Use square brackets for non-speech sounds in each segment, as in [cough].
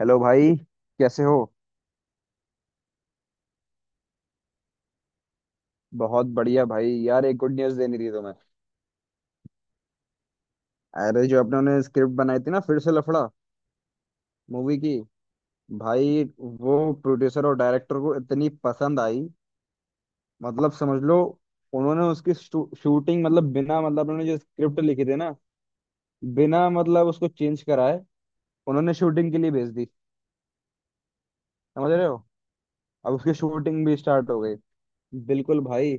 Hello भाई। कैसे हो? बहुत बढ़िया भाई, यार एक गुड न्यूज़ देनी थी तुम्हें। अरे, जो अपने ने स्क्रिप्ट बनाई थी ना फिर से लफड़ा मूवी की। भाई वो प्रोड्यूसर और डायरेक्टर को इतनी पसंद आई। मतलब समझ लो। उन्होंने उसकी शूटिंग, मतलब बिना मतलब उन्होंने जो स्क्रिप्ट लिखी थी ना, बिना मतलब उसको चेंज कराए उन्होंने शूटिंग के लिए भेज दी। समझ रहे हो? अब उसकी शूटिंग भी स्टार्ट हो गई। बिल्कुल भाई।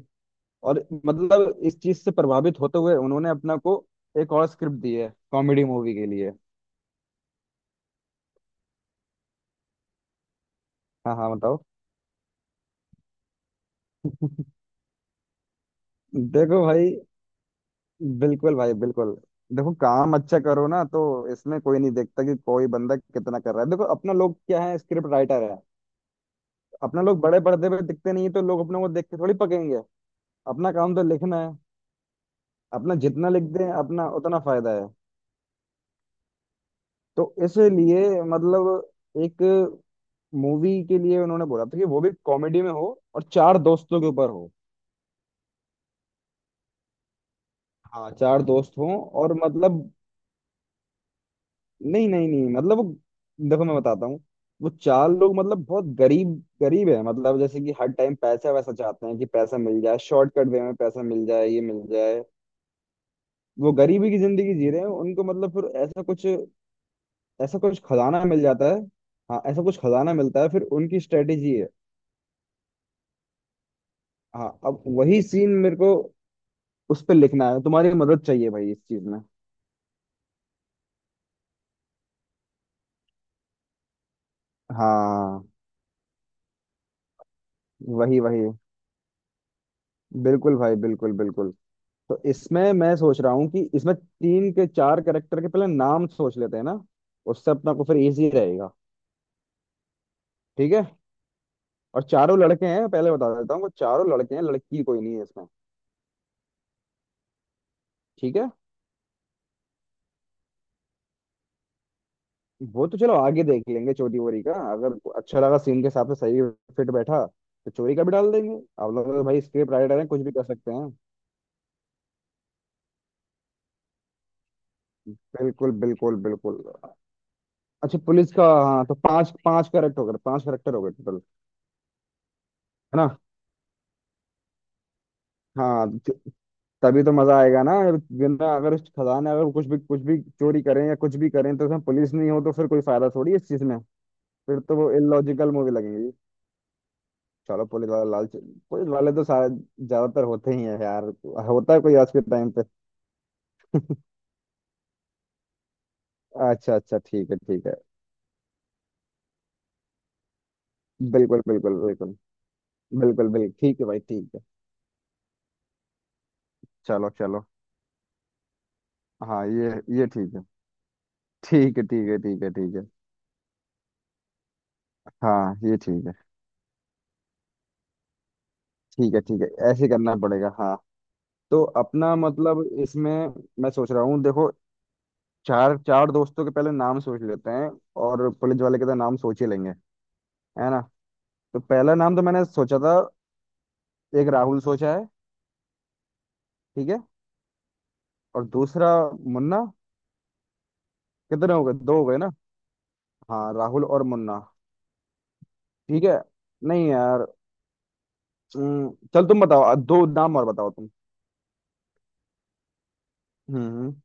और मतलब इस चीज से प्रभावित होते हुए उन्होंने अपना को एक और स्क्रिप्ट दी है कॉमेडी मूवी के लिए। हाँ हाँ, बताओ। [laughs] देखो भाई, बिल्कुल भाई बिल्कुल। देखो काम अच्छा करो ना तो इसमें कोई नहीं देखता कि कोई बंदा कितना कर रहा है। देखो अपना लोग क्या है, स्क्रिप्ट राइटर है। अपना लोग बड़े पर्दे पे दिखते नहीं है तो लोग अपने को देख के थोड़ी पकेंगे। अपना काम तो लिखना है। अपना जितना लिख दें अपना उतना फायदा है। तो इसलिए मतलब एक मूवी के लिए उन्होंने बोला था कि वो भी कॉमेडी में हो और चार दोस्तों के ऊपर हो। हाँ चार दोस्त हों और मतलब, नहीं नहीं नहीं, मतलब वो देखो मैं बताता हूँ। वो चार लोग मतलब बहुत गरीब। गरीब है, मतलब जैसे कि हर टाइम पैसा वैसा चाहते हैं कि पैसा मिल जाए, शॉर्टकट वे में पैसा मिल जाए, ये मिल जाए। वो गरीबी की जिंदगी जी रहे हैं, उनको मतलब फिर ऐसा कुछ, ऐसा कुछ खजाना मिल जाता है। हाँ, ऐसा कुछ खजाना मिलता है फिर उनकी स्ट्रेटेजी है। हाँ, अब वही सीन मेरे को उस पर लिखना है, तुम्हारी मदद चाहिए भाई इस चीज में। हाँ वही वही, बिल्कुल भाई बिल्कुल बिल्कुल। तो इसमें मैं सोच रहा हूँ कि इसमें तीन के चार करेक्टर के पहले नाम सोच लेते हैं ना, उससे अपना को फिर इजी रहेगा। ठीक है। और चारों लड़के हैं, पहले बता देता हूँ, वो चारों लड़के हैं, लड़की कोई नहीं है इसमें। ठीक है। वो तो चलो आगे देख लेंगे, चोरी वोरी का अगर अच्छा लगा सीन के हिसाब से सही फिट बैठा तो चोरी का भी डाल देंगे। आप लोग तो भाई स्क्रिप्ट राइटर हैं, कुछ भी कर सकते हैं। बिल्कुल बिल्कुल बिल्कुल। अच्छा पुलिस का, हाँ तो पांच पांच करेक्ट हो गए, पांच करेक्टर हो गए टोटल, है ना? हाँ तो तभी तो मजा आएगा ना, अगर- वरना अगर उस खदान में अगर कुछ भी कुछ भी चोरी करें या कुछ भी करें तो उसमें पुलिस नहीं हो तो फिर कोई फायदा थोड़ी है इस चीज में। फिर तो वो इलॉजिकल मूवी लगेगी। चलो पुलिस वाला लालच, पुलिस वाले तो शायद ज्यादातर होते ही है यार। होता है कोई आज के टाइम पे? अच्छा अच्छा, ठीक है ठीक है। बिल्कुल बिल्कुल बिल्कुल बिल्कुल बिल्कुल। ठीक है भाई ठीक है। चलो चलो। हाँ ये ठीक है। ठीक है ठीक है ठीक है ठीक है। हाँ ये ठीक है। ठीक है ठीक है, ऐसे ही करना पड़ेगा हाँ। तो अपना मतलब इसमें मैं सोच रहा हूँ, देखो चार चार दोस्तों के पहले नाम सोच लेते हैं और पुलिस वाले के तो नाम सोच ही लेंगे, है ना? तो पहला नाम तो मैंने सोचा था, एक राहुल सोचा है। ठीक है। और दूसरा मुन्ना। कितने हो गए, दो हो गए ना? हाँ राहुल और मुन्ना। ठीक है। नहीं यार। चल तुम बताओ, दो नाम और बताओ तुम। हम्म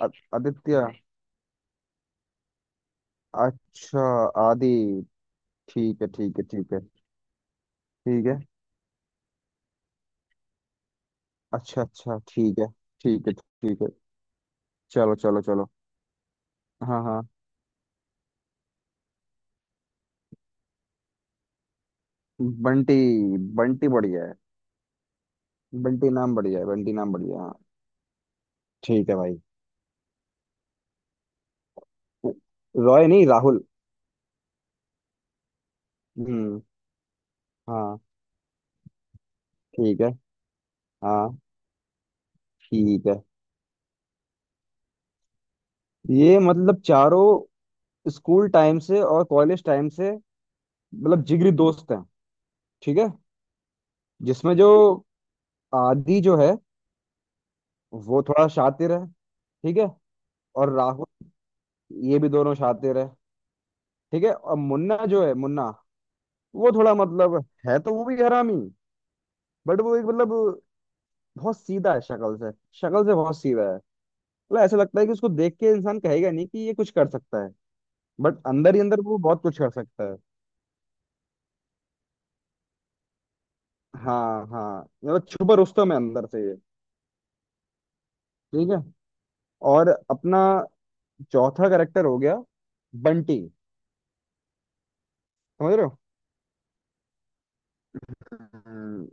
आदित्य। अच्छा आदि। ठीक है ठीक है ठीक है ठीक है। अच्छा अच्छा ठीक है। ठीक है ठीक है। चलो चलो चलो। हाँ हाँ। बंटी, बंटी बढ़िया है। बंटी नाम बढ़िया है, बंटी नाम बढ़िया है, हाँ। ठीक है भाई। रॉय नहीं, राहुल। हम्म। हाँ। ठीक है। हाँ। ठीक है। ये मतलब चारों स्कूल टाइम से और कॉलेज टाइम से मतलब जिगरी दोस्त हैं। ठीक है। जिसमें जो आदि जो है, वो थोड़ा शातिर है। ठीक है। और राहुल, ये भी दोनों शातिर है। ठीक है। और मुन्ना जो है, मुन्ना वो थोड़ा मतलब है तो वो भी हरामी, बट वो एक मतलब बहुत सीधा है शक्ल से। शक्ल से बहुत सीधा है। मतलब ऐसा लगता है कि उसको देख के इंसान कहेगा नहीं कि ये कुछ कर सकता है। बट अंदर ही अंदर वो बहुत कुछ कर सकता है। हाँ हाँ, मतलब छुपा रुस्तम है अंदर से ये। ठीक है। और अपना चौथा करेक्टर हो गया, बंटी। समझ रहे हो? हम्म,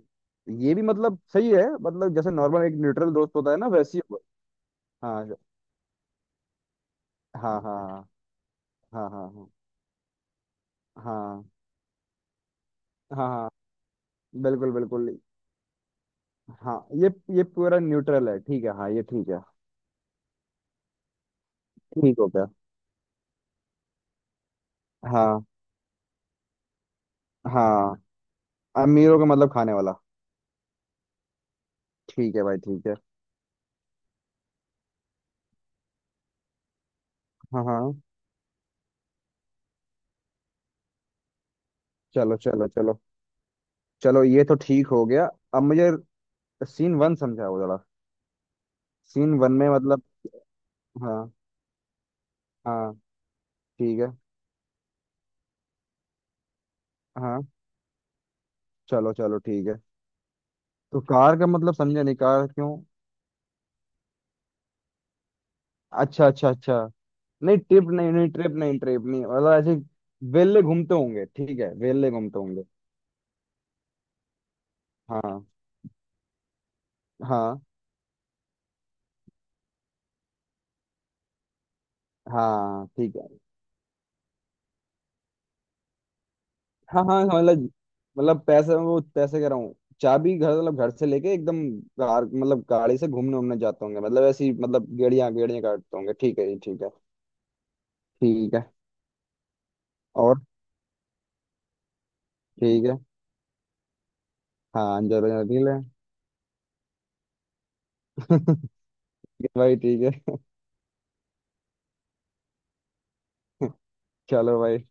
ये भी मतलब सही है, मतलब जैसे नॉर्मल एक न्यूट्रल दोस्त होता है ना वैसे ही। हाँ हाँ हाँ। हाँ हाँ हाँ। हाँ हाँ हाँ, हाँ, बिल्कुल बिल्कुल। हाँ ये पूरा न्यूट्रल है। ठीक है। हाँ ये ठीक है। ठीक हो गया। हाँ। हाँ, अमीरों का मतलब खाने वाला। ठीक है भाई ठीक है। हाँ हाँ। चलो चलो चलो। चलो ये तो ठीक हो गया। अब मुझे सीन वन समझाओ जरा। सीन वन में मतलब, हाँ हाँ। ठीक है। हाँ। चलो चलो ठीक है। तो कार का मतलब समझा नहीं, कार क्यों? अच्छा अच्छा अच्छा। नहीं ट्रिप नहीं, नहीं ट्रिप नहीं, ट्रिप नहीं, मतलब ऐसे वेले घूमते होंगे, ठीक है, वेले घूमते होंगे। हाँ हाँ हाँ। ठीक है। हाँ हाँ, मतलब मतलब पैसे, वो पैसे कह रहा हूँ। चाबी घर मतलब घर से लेके एकदम कार मतलब गाड़ी से घूमने उमने जाते होंगे, मतलब ऐसी मतलब गेड़िया गेड़िया काटते होंगे, ठीक है जी ठीक है। ठीक है, और। ठीक है। हाँ जरूर जरूर निकले। [laughs] ये भाई ठीक है। [laughs] चलो भाई।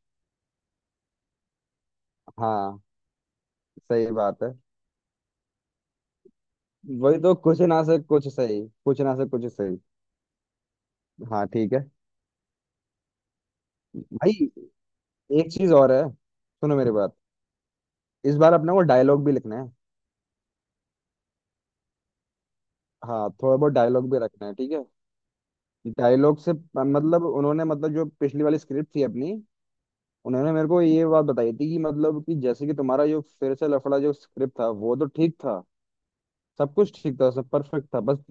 हाँ। सही बात है, वही तो, कुछ ना से कुछ सही, कुछ ना से कुछ सही। हाँ ठीक है भाई। एक चीज और है, सुनो मेरी बात। इस बार अपने को डायलॉग भी लिखना है। हाँ थोड़ा बहुत डायलॉग भी रखना है, ठीक है। डायलॉग से मतलब उन्होंने, मतलब जो पिछली वाली स्क्रिप्ट थी अपनी, उन्होंने मेरे को ये बात बताई थी कि मतलब कि जैसे कि तुम्हारा जो फिर से लफड़ा जो स्क्रिप्ट था वो तो ठीक था, सब कुछ ठीक था, सब परफेक्ट था, बस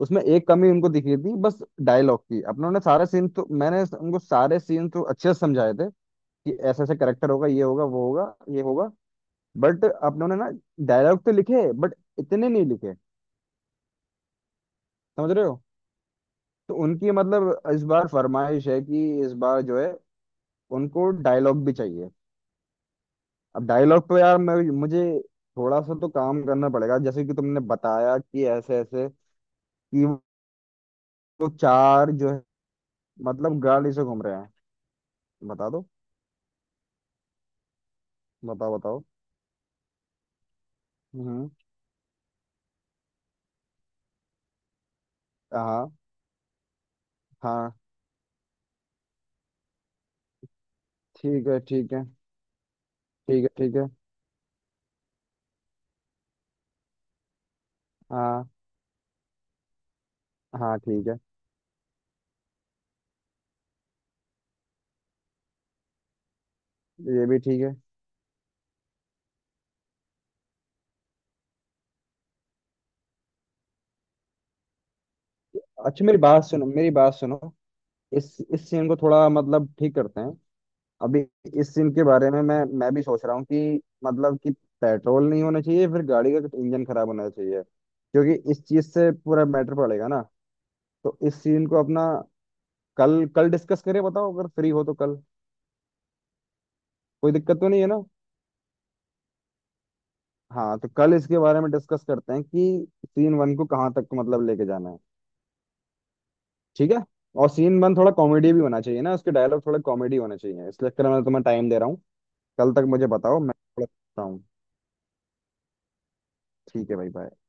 उसमें एक कमी उनको दिखी थी, बस डायलॉग की। अपने उन्होंने सारे सीन तो, मैंने उनको सारे सीन तो अच्छे से समझाए थे कि ऐसे ऐसे करेक्टर होगा, ये होगा, वो होगा, ये होगा, बट अपनों ने ना डायलॉग तो लिखे बट इतने नहीं लिखे। समझ रहे हो? तो उनकी मतलब इस बार फरमाइश है कि इस बार जो है, उनको डायलॉग भी चाहिए। अब डायलॉग पे यार, मैं मुझे थोड़ा सा तो काम करना पड़ेगा, जैसे कि तुमने बताया कि ऐसे ऐसे, कि वो चार जो है मतलब गाड़ी से घूम रहे हैं। बता दो। बताओ बताओ। हम्म। हाँ हाँ। ठीक है ठीक है। ठीक है ठीक है। हाँ हाँ, ठीक है। ये भी ठीक है। अच्छा मेरी बात सुनो, मेरी बात सुनो। इस सीन को थोड़ा मतलब ठीक करते हैं अभी। इस सीन के बारे में मैं भी सोच रहा हूँ कि मतलब कि पेट्रोल नहीं होना चाहिए, फिर गाड़ी का इंजन खराब होना चाहिए क्योंकि इस चीज से पूरा मैटर पड़ेगा ना। तो इस सीन को अपना कल कल डिस्कस करें, बताओ अगर फ्री हो तो कल। कोई दिक्कत तो नहीं है ना? हाँ तो कल इसके बारे में डिस्कस करते हैं कि सीन वन को कहाँ तक मतलब लेके जाना है। ठीक है। और सीन वन थोड़ा कॉमेडी भी होना चाहिए ना, उसके डायलॉग थोड़ा कॉमेडी होना चाहिए, इसलिए मैं तुम्हें टाइम दे रहा हूँ। कल तक मुझे बताओ, मैं थोड़ा सोचता हूँ। ठीक है भाई, बाय।